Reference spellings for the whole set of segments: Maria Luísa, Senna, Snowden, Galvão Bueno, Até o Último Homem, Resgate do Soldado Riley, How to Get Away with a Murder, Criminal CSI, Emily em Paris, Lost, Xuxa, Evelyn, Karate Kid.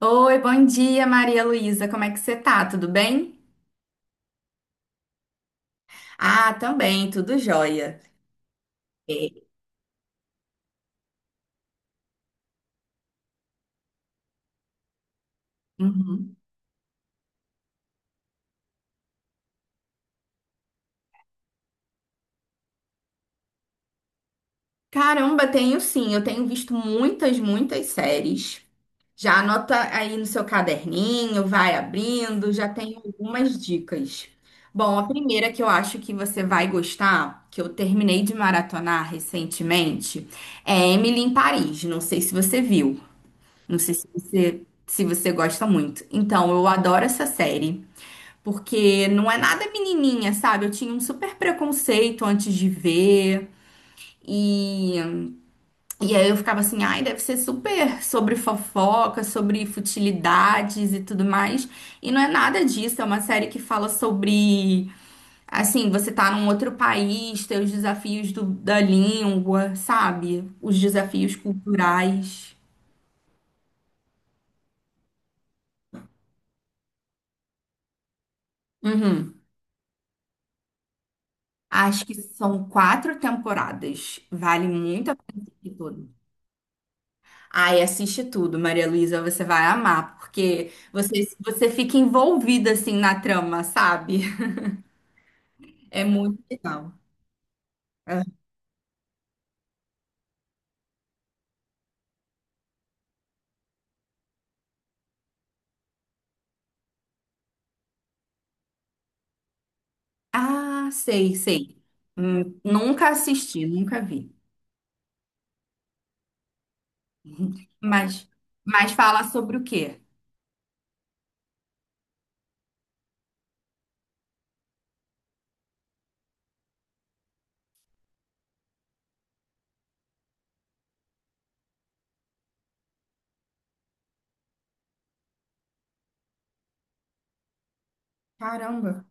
Oi, bom dia, Maria Luísa. Como é que você tá? Tudo bem? Ah, também, tudo jóia. É, uhum. Caramba, tenho sim. Eu tenho visto muitas, muitas séries. Já anota aí no seu caderninho, vai abrindo, já tem algumas dicas. Bom, a primeira que eu acho que você vai gostar, que eu terminei de maratonar recentemente, é Emily em Paris. Não sei se você viu, não sei se você gosta muito. Então, eu adoro essa série. Porque não é nada menininha, sabe? Eu tinha um super preconceito antes de ver. E, e aí eu ficava assim, ai, deve ser super sobre fofoca, sobre futilidades e tudo mais. E não é nada disso, é uma série que fala sobre, assim, você tá num outro país, tem os desafios da língua, sabe? Os desafios culturais. Uhum. Acho que são quatro temporadas. Vale muito a pena assistir todas. Ai, assiste tudo, Maria Luísa, você vai amar, porque você fica envolvida assim na trama, sabe? É muito legal. É. Ah, sei, sei. Nunca assisti, nunca vi. Mas, mas fala sobre o quê? Caramba.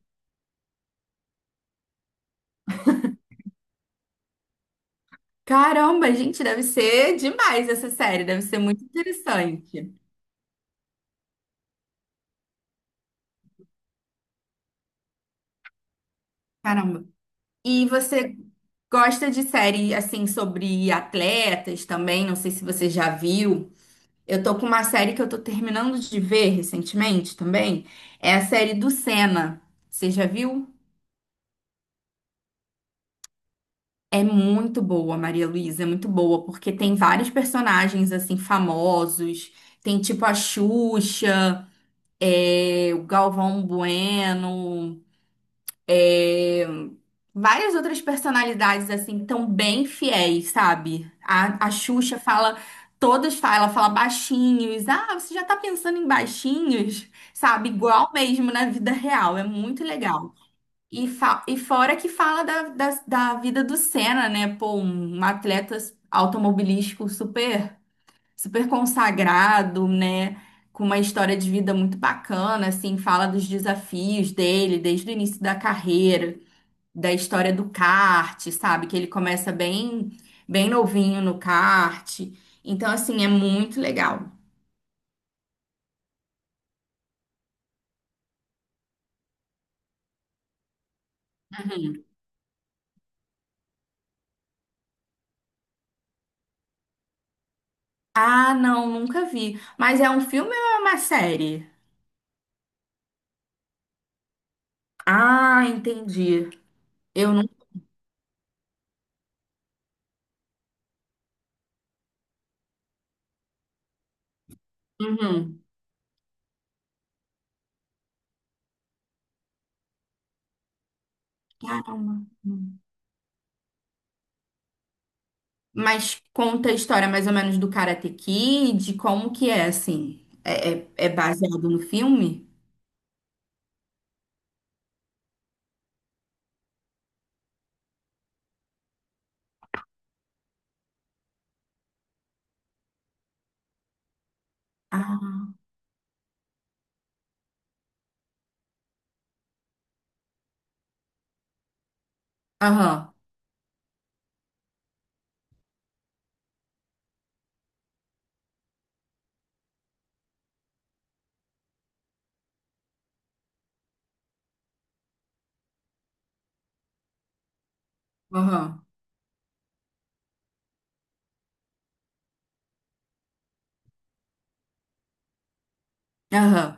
Caramba, gente, deve ser demais essa série, deve ser muito interessante. Caramba. E você gosta de série assim sobre atletas também? Não sei se você já viu. Eu tô com uma série que eu tô terminando de ver recentemente também. É a série do Senna. Você já viu? É muito boa, Maria Luísa, é muito boa, porque tem vários personagens assim famosos. Tem tipo a Xuxa, é, o Galvão Bueno. Várias outras personalidades assim tão bem fiéis, sabe? A Xuxa fala, todas falam, ela fala baixinhos. Ah, você já tá pensando em baixinhos, sabe? Igual mesmo na vida real, é muito legal. E fora que fala da vida do Senna, né? Pô, um atleta automobilístico super, super consagrado, né? Com uma história de vida muito bacana, assim, fala dos desafios dele desde o início da carreira da história do kart, sabe? Que ele começa bem, bem novinho no kart. Então, assim, é muito legal. Ah, não, nunca vi. Mas é um filme ou é uma série? Ah, entendi. Eu não. Uhum. Caramba. Mas conta a história mais ou menos do Karate Kid, como que é, assim? É baseado no filme? Ah, aham, aham, aham,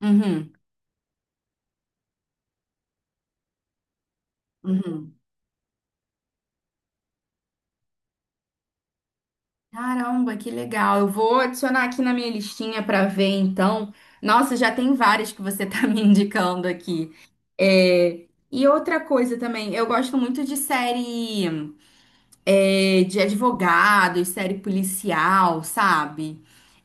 uhum, uhum. Caramba, que legal. Eu vou adicionar aqui na minha listinha para ver, então. Nossa, já tem várias que você tá me indicando aqui. É, e outra coisa também, eu gosto muito de série de advogados, série policial, sabe?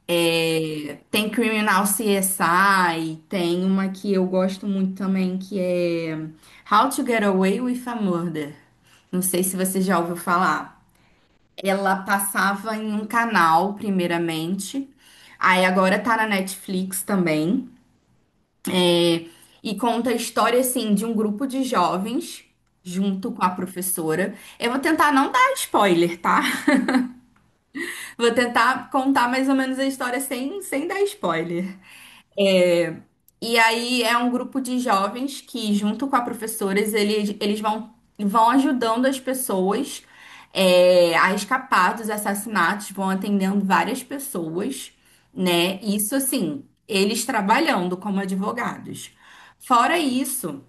É, tem Criminal CSI, tem uma que eu gosto muito também, que é How to Get Away with a Murder. Não sei se você já ouviu falar. Ela passava em um canal, primeiramente. Aí agora tá na Netflix também. E conta a história, assim, de um grupo de jovens, junto com a professora. Eu vou tentar não dar spoiler, tá? Vou tentar contar mais ou menos a história sem dar spoiler. E aí é um grupo de jovens que, junto com a professora, eles vão, vão ajudando as pessoas a escapar dos assassinatos, vão atendendo várias pessoas, né? Isso assim, eles trabalhando como advogados. Fora isso,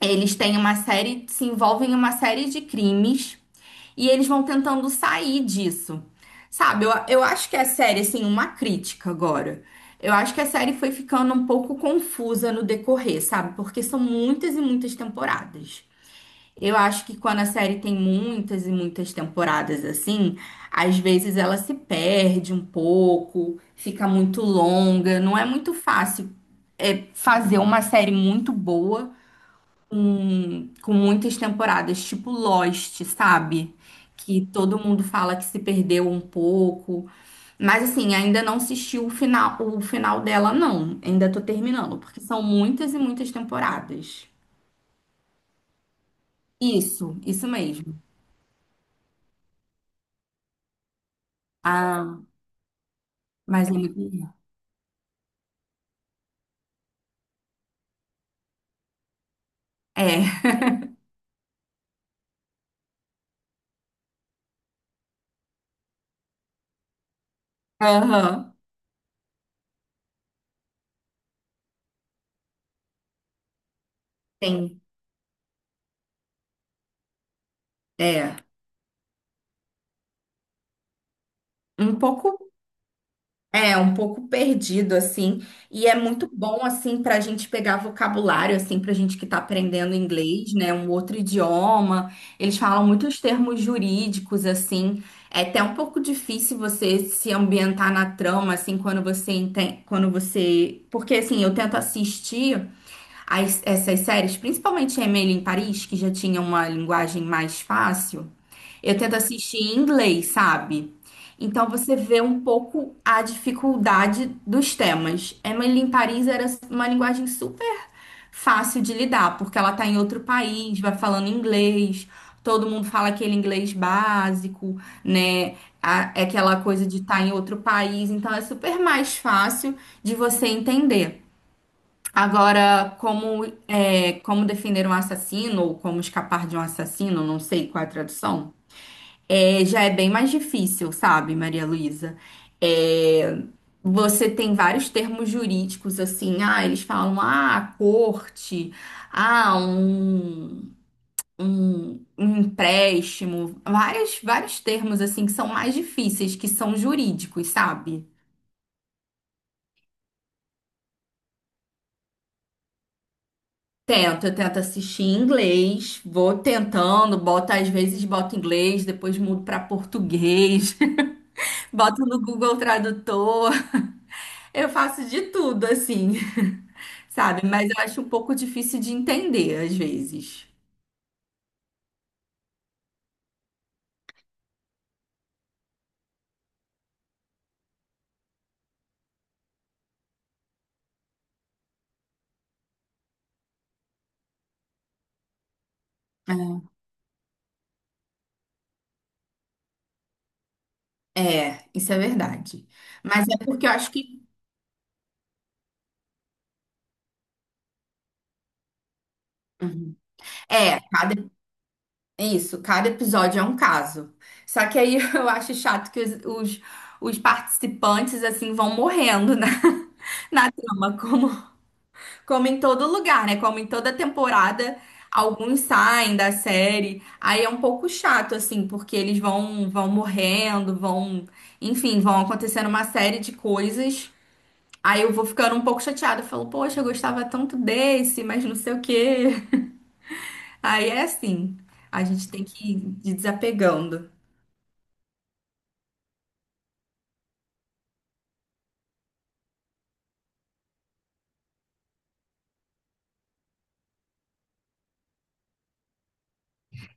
eles têm uma série, se envolvem em uma série de crimes. E eles vão tentando sair disso. Sabe, eu acho que a série, assim, uma crítica agora. Eu acho que a série foi ficando um pouco confusa no decorrer, sabe? Porque são muitas e muitas temporadas. Eu acho que quando a série tem muitas e muitas temporadas assim, às vezes ela se perde um pouco, fica muito longa. Não é muito fácil fazer uma série muito boa com muitas temporadas, tipo Lost, sabe? Que todo mundo fala que se perdeu um pouco. Mas assim, ainda não assisti o final dela, não. Ainda tô terminando, porque são muitas e muitas temporadas. Isso mesmo. Ah, mas é muito. É. Aham. Tem. É. Um pouco. É, um pouco perdido, assim, e é muito bom, assim, para a gente pegar vocabulário, assim, para a gente que está aprendendo inglês, né, um outro idioma, eles falam muitos termos jurídicos, assim, é até um pouco difícil você se ambientar na trama, assim, quando você entende, quando você. Porque, assim, eu tento assistir essas séries, principalmente Emily em Paris, que já tinha uma linguagem mais fácil, eu tento assistir em inglês, sabe? Então você vê um pouco a dificuldade dos temas. Emily em Paris era uma linguagem super fácil de lidar, porque ela tá em outro país, vai falando inglês, todo mundo fala aquele inglês básico, né? É aquela coisa de estar em outro país, então é super mais fácil de você entender. Agora, como, é, como defender um assassino ou como escapar de um assassino, não sei qual é a tradução. É, já é bem mais difícil, sabe, Maria Luísa? É, você tem vários termos jurídicos, assim, ah, eles falam, ah, a corte, ah, um empréstimo, vários termos, assim, que são mais difíceis, que são jurídicos, sabe? Tento, eu tento assistir em inglês, vou tentando, boto, às vezes boto inglês, depois mudo para português, boto no Google Tradutor, eu faço de tudo, assim. Sabe? Mas eu acho um pouco difícil de entender às vezes. É, isso é verdade. Mas é porque eu acho que uhum. é, cada isso, cada episódio é um caso. Só que aí eu acho chato que os participantes assim vão morrendo na, na trama, como em todo lugar, né? Como em toda temporada, alguns saem da série. Aí é um pouco chato assim, porque eles vão morrendo, vão, enfim, vão acontecendo uma série de coisas. Aí eu vou ficando um pouco chateada. Eu falo, poxa, eu gostava tanto desse, mas não sei o quê. Aí é assim, a gente tem que ir desapegando.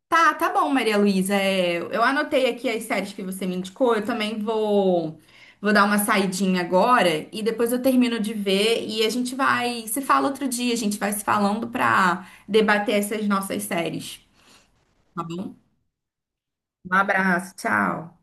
Tá, tá bom, Maria Luísa. É, eu anotei aqui as séries que você me indicou. Eu também vou dar uma saidinha agora e depois eu termino de ver e a gente vai se fala outro dia. A gente vai se falando pra debater essas nossas séries, tá bom? Um abraço, tchau.